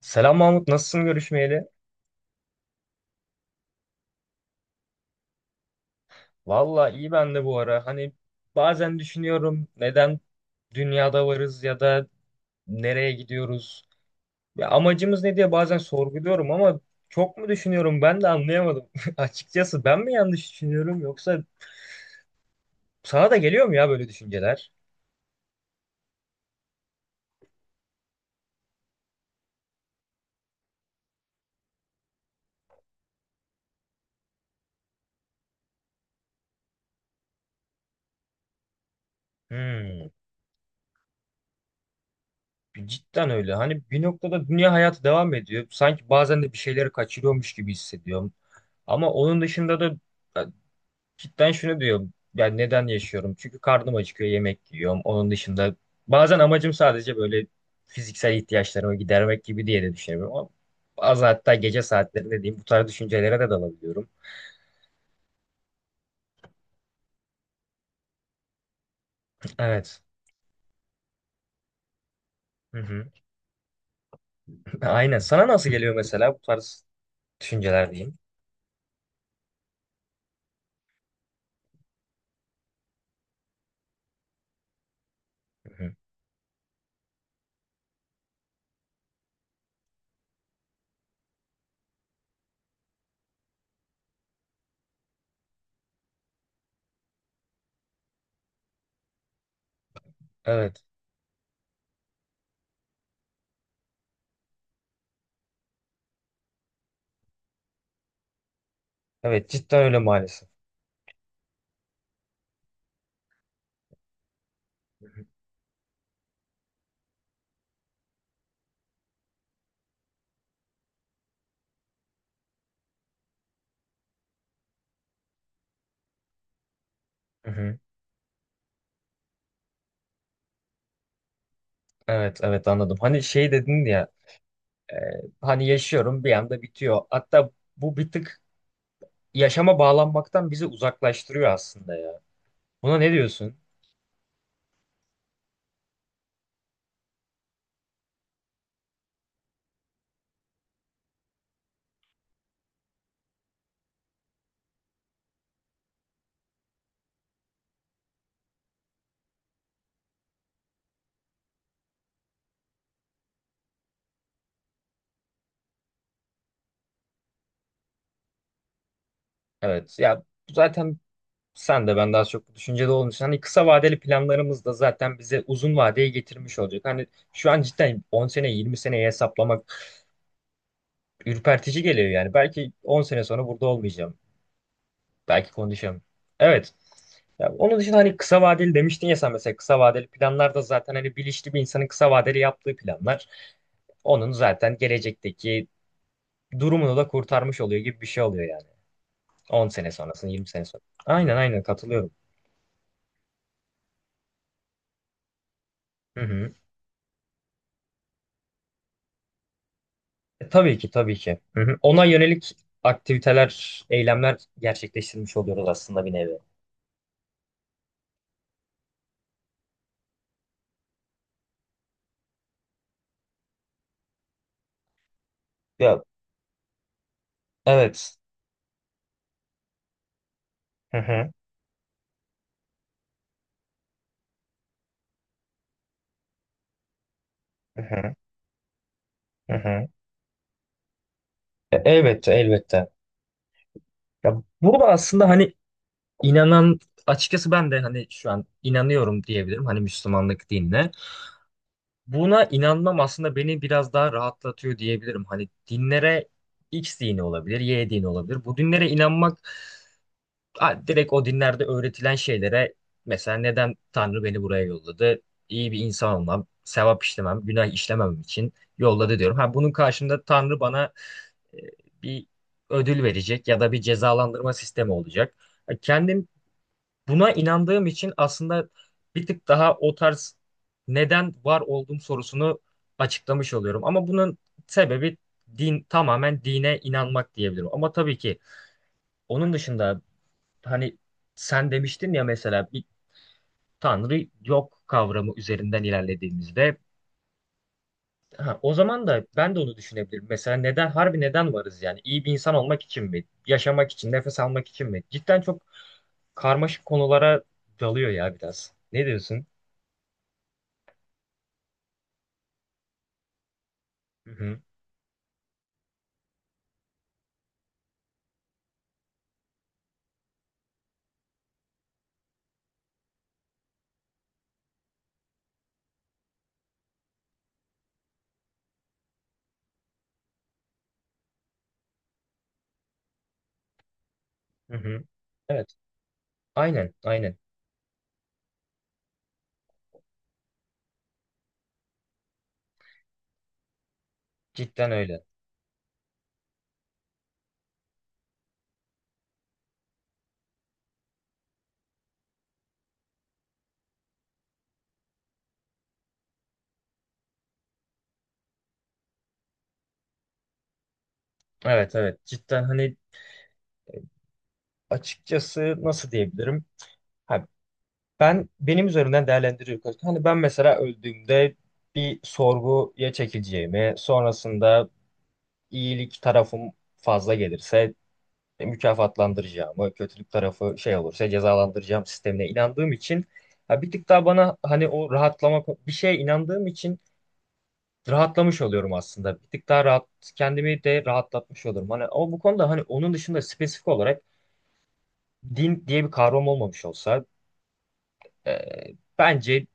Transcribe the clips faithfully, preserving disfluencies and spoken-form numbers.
Selam Mahmut, nasılsın görüşmeyeli? Valla iyi ben de bu ara. Hani bazen düşünüyorum neden dünyada varız ya da nereye gidiyoruz? Ya amacımız ne diye bazen sorguluyorum ama çok mu düşünüyorum ben de anlayamadım. Açıkçası ben mi yanlış düşünüyorum yoksa sana da geliyor mu ya böyle düşünceler? Hmm, Cidden öyle. Hani bir noktada dünya hayatı devam ediyor. Sanki bazen de bir şeyleri kaçırıyormuş gibi hissediyorum. Ama onun dışında da cidden şunu diyorum. Yani neden yaşıyorum? Çünkü karnım acıkıyor, yemek yiyorum. Onun dışında bazen amacım sadece böyle fiziksel ihtiyaçlarımı gidermek gibi diye de düşünüyorum. Ama bazen hatta gece saatlerinde diyeyim bu tarz düşüncelere de dalabiliyorum. Evet. Hı hı. Aynen. Sana nasıl geliyor mesela bu tarz düşünceler diyeyim? Hı hı. Evet. Evet, cidden öyle maalesef. Hı hı. Hı hı. Evet, evet, anladım. Hani şey dedin ya, e, hani yaşıyorum bir anda bitiyor. Hatta bu bir tık yaşama bağlanmaktan bizi uzaklaştırıyor aslında ya. Buna ne diyorsun? Evet ya, zaten sen de ben daha çok bu düşüncede olduğun için hani kısa vadeli planlarımız da zaten bize uzun vadeye getirmiş olacak. Hani şu an cidden on sene yirmi seneye hesaplamak ürpertici geliyor yani. Belki on sene sonra burada olmayacağım. Belki konuşacağım. Evet. Ya onun dışında hani kısa vadeli demiştin ya, sen mesela kısa vadeli planlar da zaten hani bilinçli bir insanın kısa vadeli yaptığı planlar. Onun zaten gelecekteki durumunu da kurtarmış oluyor gibi bir şey oluyor yani. On sene sonrasını, yirmi sene sonra. Aynen, aynen katılıyorum. Hı hı. E, tabii ki, tabii ki. Hı hı. Ona yönelik aktiviteler, eylemler gerçekleştirmiş oluyoruz aslında bir nevi. Ya evet. Hı hı. Hı hı. Hı hı. E, elbette, elbette. Ya burada aslında hani inanan, açıkçası ben de hani şu an inanıyorum diyebilirim hani Müslümanlık dinine. Buna inanmam aslında beni biraz daha rahatlatıyor diyebilirim. Hani dinlere, X dini olabilir, Y dini olabilir. Bu dinlere inanmak, ha, direkt o dinlerde öğretilen şeylere, mesela neden Tanrı beni buraya yolladı? İyi bir insan olmam, sevap işlemem, günah işlememem için yolladı diyorum. Ha, bunun karşında Tanrı bana e, bir ödül verecek ya da bir cezalandırma sistemi olacak. Ha, kendim, buna inandığım için aslında bir tık daha o tarz neden var olduğum sorusunu açıklamış oluyorum. Ama bunun sebebi din, tamamen dine inanmak diyebilirim. Ama tabii ki onun dışında hani sen demiştin ya, mesela bir tanrı yok kavramı üzerinden ilerlediğimizde, ha, o zaman da ben de onu düşünebilirim. Mesela neden, harbi neden varız yani? İyi bir insan olmak için mi? Yaşamak için, nefes almak için mi? Cidden çok karmaşık konulara dalıyor ya biraz. Ne diyorsun? Hı hı. Hı hı. Evet. Aynen, aynen. Cidden öyle. Evet, evet. Cidden hani açıkçası nasıl diyebilirim? Ha, ben benim üzerinden değerlendiriyorum. Hani ben mesela öldüğümde bir sorguya çekileceğimi, sonrasında iyilik tarafım fazla gelirse e, mükafatlandıracağımı, kötülük tarafı şey olursa cezalandıracağım sistemine inandığım için, ha, bir tık daha bana hani o rahatlama, bir şeye inandığım için rahatlamış oluyorum aslında. Bir tık daha rahat, kendimi de rahatlatmış olurum. Hani ama bu konuda hani onun dışında spesifik olarak din diye bir kavram olmamış olsa, e, bence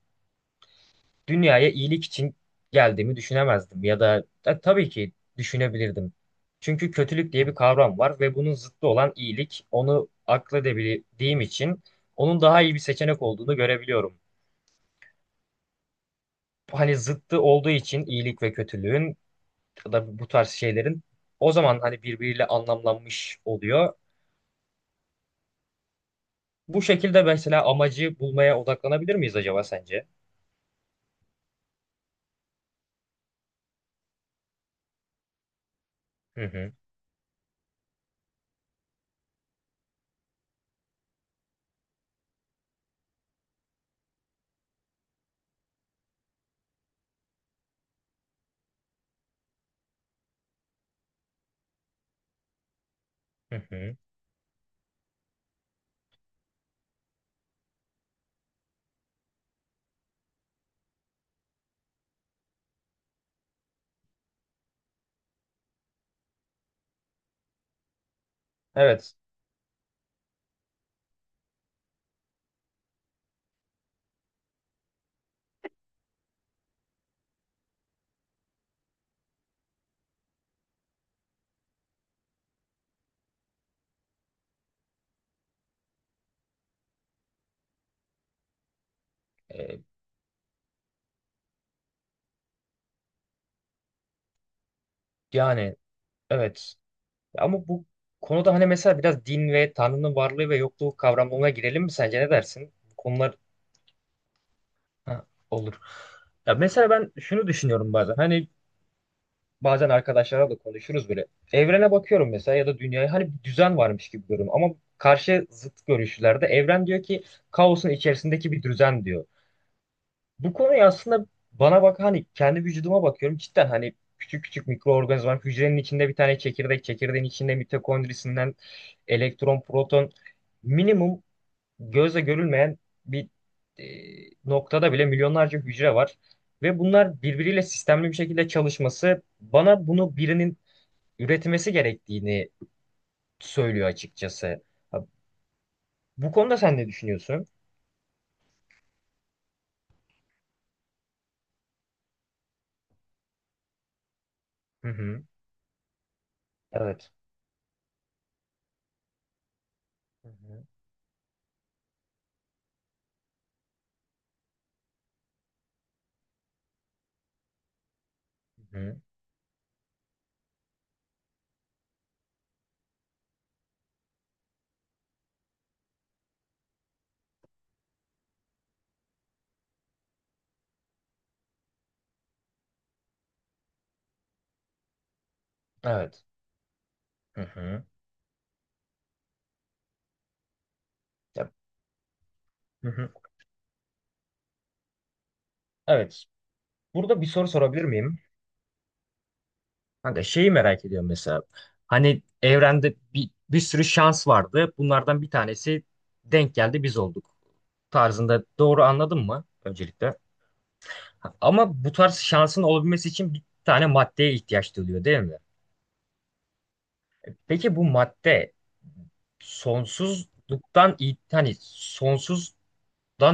dünyaya iyilik için geldiğimi düşünemezdim ya da, e, tabii ki düşünebilirdim. Çünkü kötülük diye bir kavram var ve bunun zıttı olan iyilik. Onu akledebildiğim için onun daha iyi bir seçenek olduğunu görebiliyorum. Hani zıttı olduğu için iyilik ve kötülüğün ya da bu tarz şeylerin, o zaman hani birbiriyle anlamlanmış oluyor. Bu şekilde mesela amacı bulmaya odaklanabilir miyiz acaba sence? Hı hı, hı hı. Evet. E, yani evet. Ama bu konuda hani mesela biraz din ve Tanrı'nın varlığı ve yokluğu kavramlarına girelim mi sence, ne dersin? Bu konular, ha, olur. Ya mesela ben şunu düşünüyorum bazen. Hani bazen arkadaşlarla da konuşuruz böyle. Evrene bakıyorum mesela ya da dünyaya, hani bir düzen varmış gibi görüyorum ama karşı zıt görüşlerde evren diyor ki kaosun içerisindeki bir düzen diyor. Bu konuyu aslında, bana bak, hani kendi vücuduma bakıyorum cidden, hani küçük küçük mikroorganizmalar, hücrenin içinde bir tane çekirdek, çekirdeğin içinde mitokondrisinden elektron proton, minimum gözle görülmeyen bir e, noktada bile milyonlarca hücre var ve bunlar birbiriyle sistemli bir şekilde çalışması bana bunu birinin üretilmesi gerektiğini söylüyor açıkçası. Ha, bu konuda sen ne düşünüyorsun? Hı hı. Evet. Hı hı. Hı hı. Evet. Hı hı. Ya, hı hı. Evet. Burada bir soru sorabilir miyim? Kanka şeyi merak ediyorum mesela. Hani evrende bir, bir sürü şans vardı. Bunlardan bir tanesi denk geldi, biz olduk. Tarzında doğru anladın mı öncelikle? Ha, ama bu tarz şansın olabilmesi için bir tane maddeye ihtiyaç duyuluyor değil mi? Peki bu madde sonsuzluktan i- hani sonsuzdan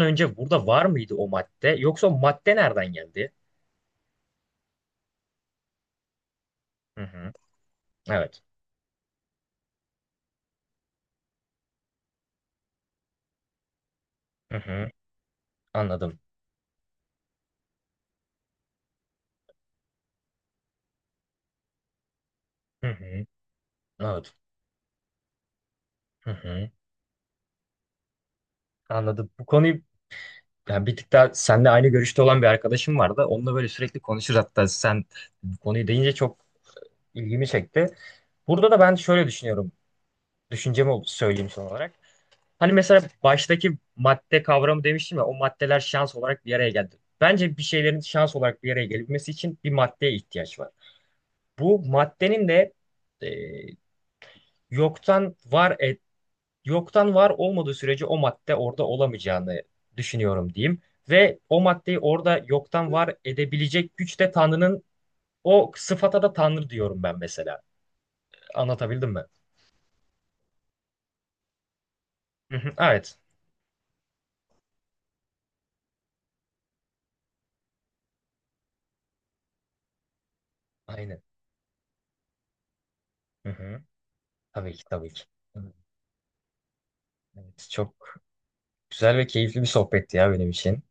önce burada var mıydı o madde? Yoksa o madde nereden geldi? Hı hı. Evet. Hı hı. Anladım. Hı hı. Evet. Hı hı. Anladım. Bu konuyu, yani bir tık daha seninle aynı görüşte olan bir arkadaşım vardı. Onunla böyle sürekli konuşur, hatta sen bu konuyu deyince çok ilgimi çekti. Burada da ben şöyle düşünüyorum. Düşüncemi söyleyeyim son olarak. Hani mesela baştaki madde kavramı demiştim ya, o maddeler şans olarak bir araya geldi. Bence bir şeylerin şans olarak bir araya gelmesi için bir maddeye ihtiyaç var. Bu maddenin de e, yoktan var et, yoktan var olmadığı sürece o madde orada olamayacağını düşünüyorum diyeyim. Ve o maddeyi orada yoktan var edebilecek güç de Tanrı'nın, o sıfata da Tanrı diyorum ben mesela. Anlatabildim mi? Hı hı, evet. Aynen. Hı hı. Tabii ki, tabii ki. Evet, çok güzel ve keyifli bir sohbetti ya benim için.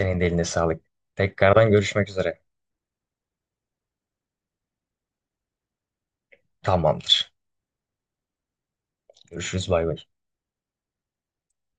Senin de eline sağlık. Tekrardan görüşmek üzere. Tamamdır. Görüşürüz, bay bay.